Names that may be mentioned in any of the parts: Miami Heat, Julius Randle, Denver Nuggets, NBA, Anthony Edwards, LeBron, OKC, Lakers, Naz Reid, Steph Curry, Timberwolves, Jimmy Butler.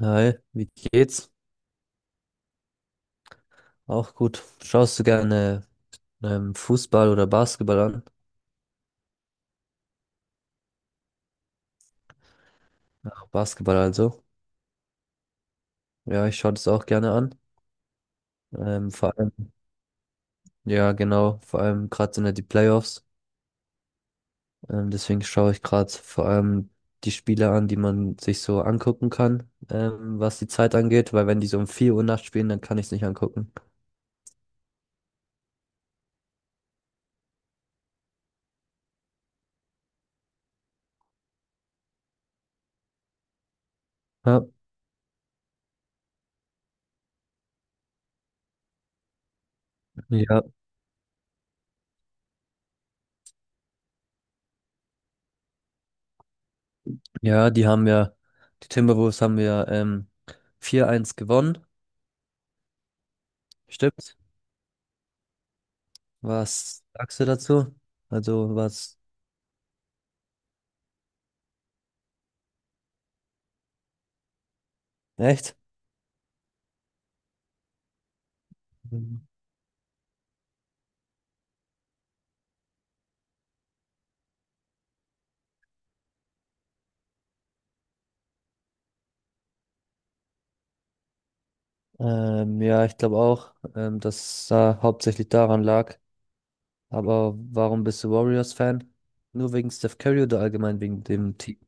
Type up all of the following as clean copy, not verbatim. Hi, wie geht's? Auch gut. Schaust du gerne Fußball oder Basketball an? Ach, Basketball also. Ja, ich schaue das auch gerne an. Ähm, vor allem, ja genau, vor allem gerade sind ja die Playoffs. Deswegen schaue ich gerade vor allem die Spiele an, die man sich so angucken kann, was die Zeit angeht, weil wenn die so um 4 Uhr nachts spielen, dann kann ich es nicht angucken. Ja, ja, ja, die Timberwolves haben ja 4-1 gewonnen, stimmt? Was sagst du dazu? Also was? Echt? Mhm. Ja, ich glaube auch, dass da hauptsächlich daran lag. Aber warum bist du Warriors-Fan? Nur wegen Steph Curry oder allgemein wegen dem Team?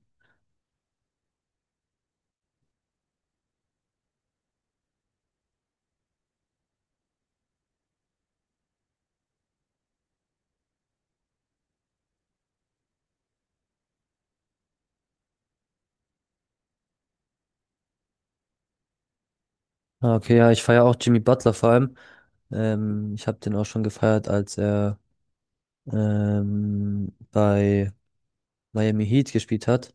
Ah, okay, ja, ich feiere auch Jimmy Butler vor allem. Ich habe den auch schon gefeiert, als er bei Miami Heat gespielt hat.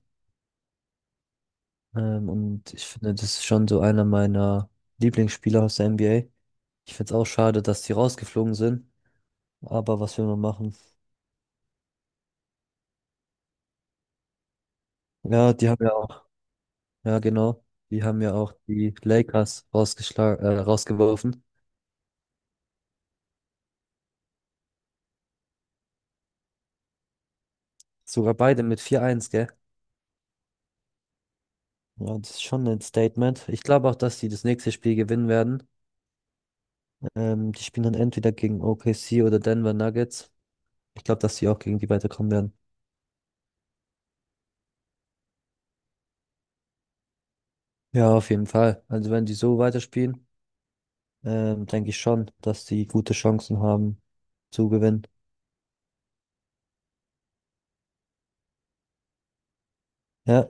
Und ich finde, das ist schon so einer meiner Lieblingsspieler aus der NBA. Ich finde es auch schade, dass die rausgeflogen sind. Aber was will man machen? Ja, die haben ja auch, ja genau, die haben ja auch die Lakers rausgeschlagen, rausgeworfen. Sogar beide mit 4-1, gell? Ja, das ist schon ein Statement. Ich glaube auch, dass die das nächste Spiel gewinnen werden. Die spielen dann entweder gegen OKC oder Denver Nuggets. Ich glaube, dass die auch gegen die weiterkommen werden. Ja, auf jeden Fall. Also wenn die so weiterspielen, denke ich schon, dass die gute Chancen haben zu gewinnen. Ja,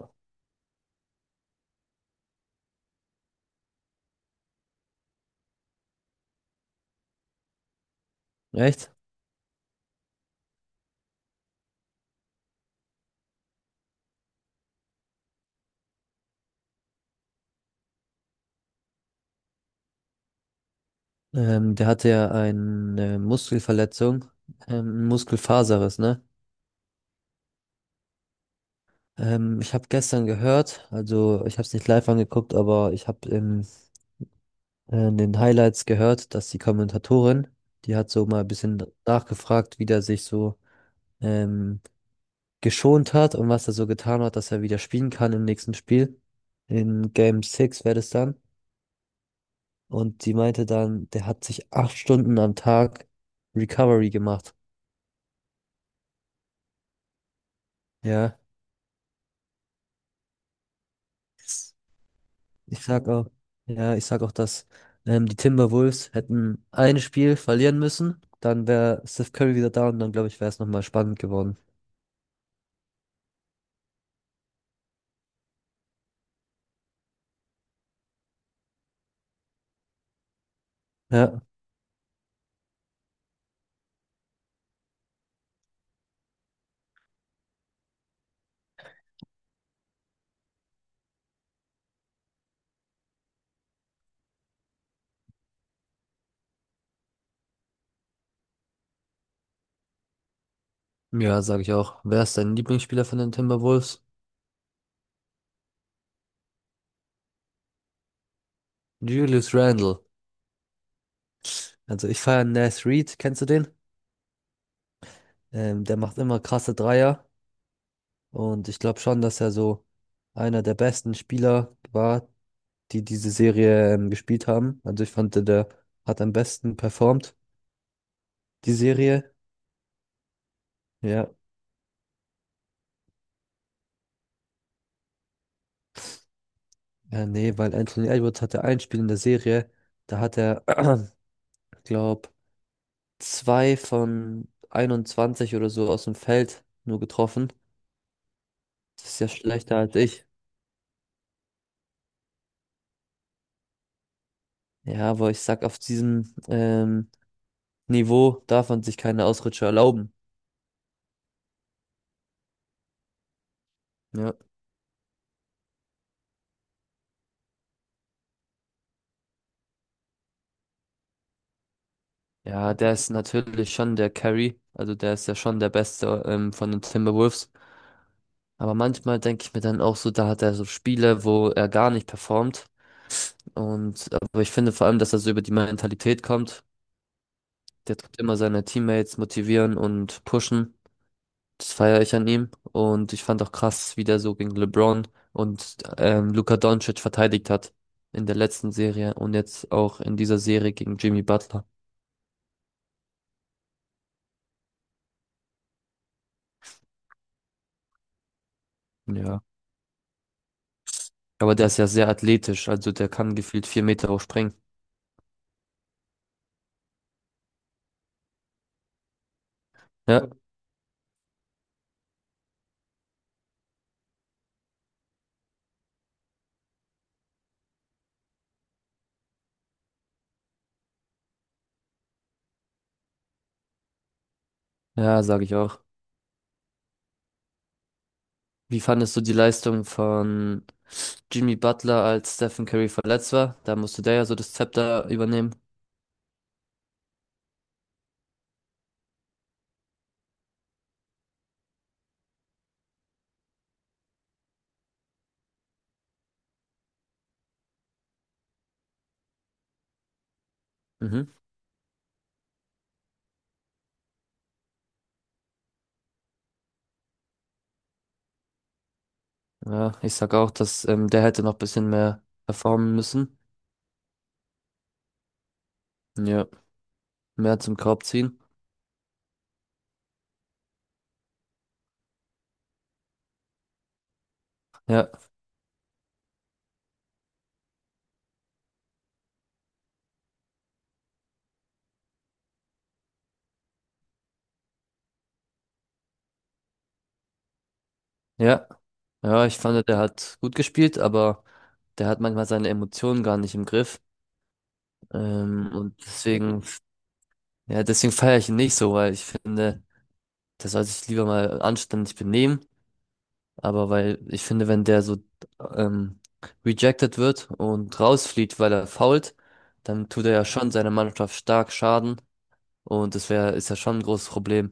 echt? Der hatte ja eine Muskelverletzung, einen Muskelfaserriss, ne? Ich habe gestern gehört, also ich habe es nicht live angeguckt, aber ich habe in den Highlights gehört, dass die Kommentatorin, die hat so mal ein bisschen nachgefragt, wie der sich so ähm, geschont hat und was er so getan hat, dass er wieder spielen kann im nächsten Spiel. In Game 6 wäre das dann. Und die meinte dann, der hat sich 8 Stunden am Tag Recovery gemacht. Ja. Ich sag auch, ja, ich sag auch, dass die Timberwolves hätten ein Spiel verlieren müssen, dann wäre Steph Curry wieder da und dann glaube ich, wäre es nochmal spannend geworden. Ja, ja, sage ich auch. Wer ist dein Lieblingsspieler von den Timberwolves? Julius Randle. Also ich feiere Naz Reid, kennst du den? Der macht immer krasse Dreier und ich glaube schon, dass er so einer der besten Spieler war, die diese Serie gespielt haben. Also ich fand, der hat am besten performt, die Serie. Ja. Ja, nee, weil Anthony Edwards hatte ein Spiel in der Serie, da hat er, glaub, zwei von 21 oder so aus dem Feld nur getroffen. Das ist ja schlechter als ich. Ja, aber ich sag, auf diesem Niveau darf man sich keine Ausrutscher erlauben. Ja. Ja, der ist natürlich schon der Carry, also der ist ja schon der Beste von den Timberwolves. Aber manchmal denke ich mir dann auch so, da hat er so Spiele, wo er gar nicht performt. Und aber ich finde vor allem, dass er so über die Mentalität kommt. Der tut immer seine Teammates motivieren und pushen. Das feiere ich an ihm. Und ich fand auch krass, wie der so gegen LeBron und Luka Doncic verteidigt hat. In der letzten Serie und jetzt auch in dieser Serie gegen Jimmy Butler. Ja. Aber der ist ja sehr athletisch, also der kann gefühlt 4 Meter hoch springen. Ja, ja, sage ich auch. Wie fandest du die Leistung von Jimmy Butler, als Stephen Curry verletzt war? Da musste der ja so das Zepter übernehmen. Mhm. Ja, ich sag auch, dass der hätte noch ein bisschen mehr performen müssen. Ja, mehr zum Korb ziehen. Ja, ja. Ja, ich fand, der hat gut gespielt, aber der hat manchmal seine Emotionen gar nicht im Griff. Ähm, und deswegen, ja, deswegen feiere ich ihn nicht so, weil ich finde, der soll sich lieber mal anständig benehmen. Aber weil ich finde, wenn der so ähm, rejected wird und rausfliegt, weil er foult, dann tut er ja schon seiner Mannschaft stark Schaden. Und das wäre, ist ja schon ein großes Problem.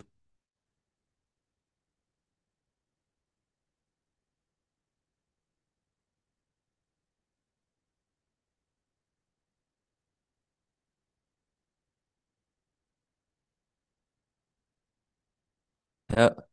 Ja,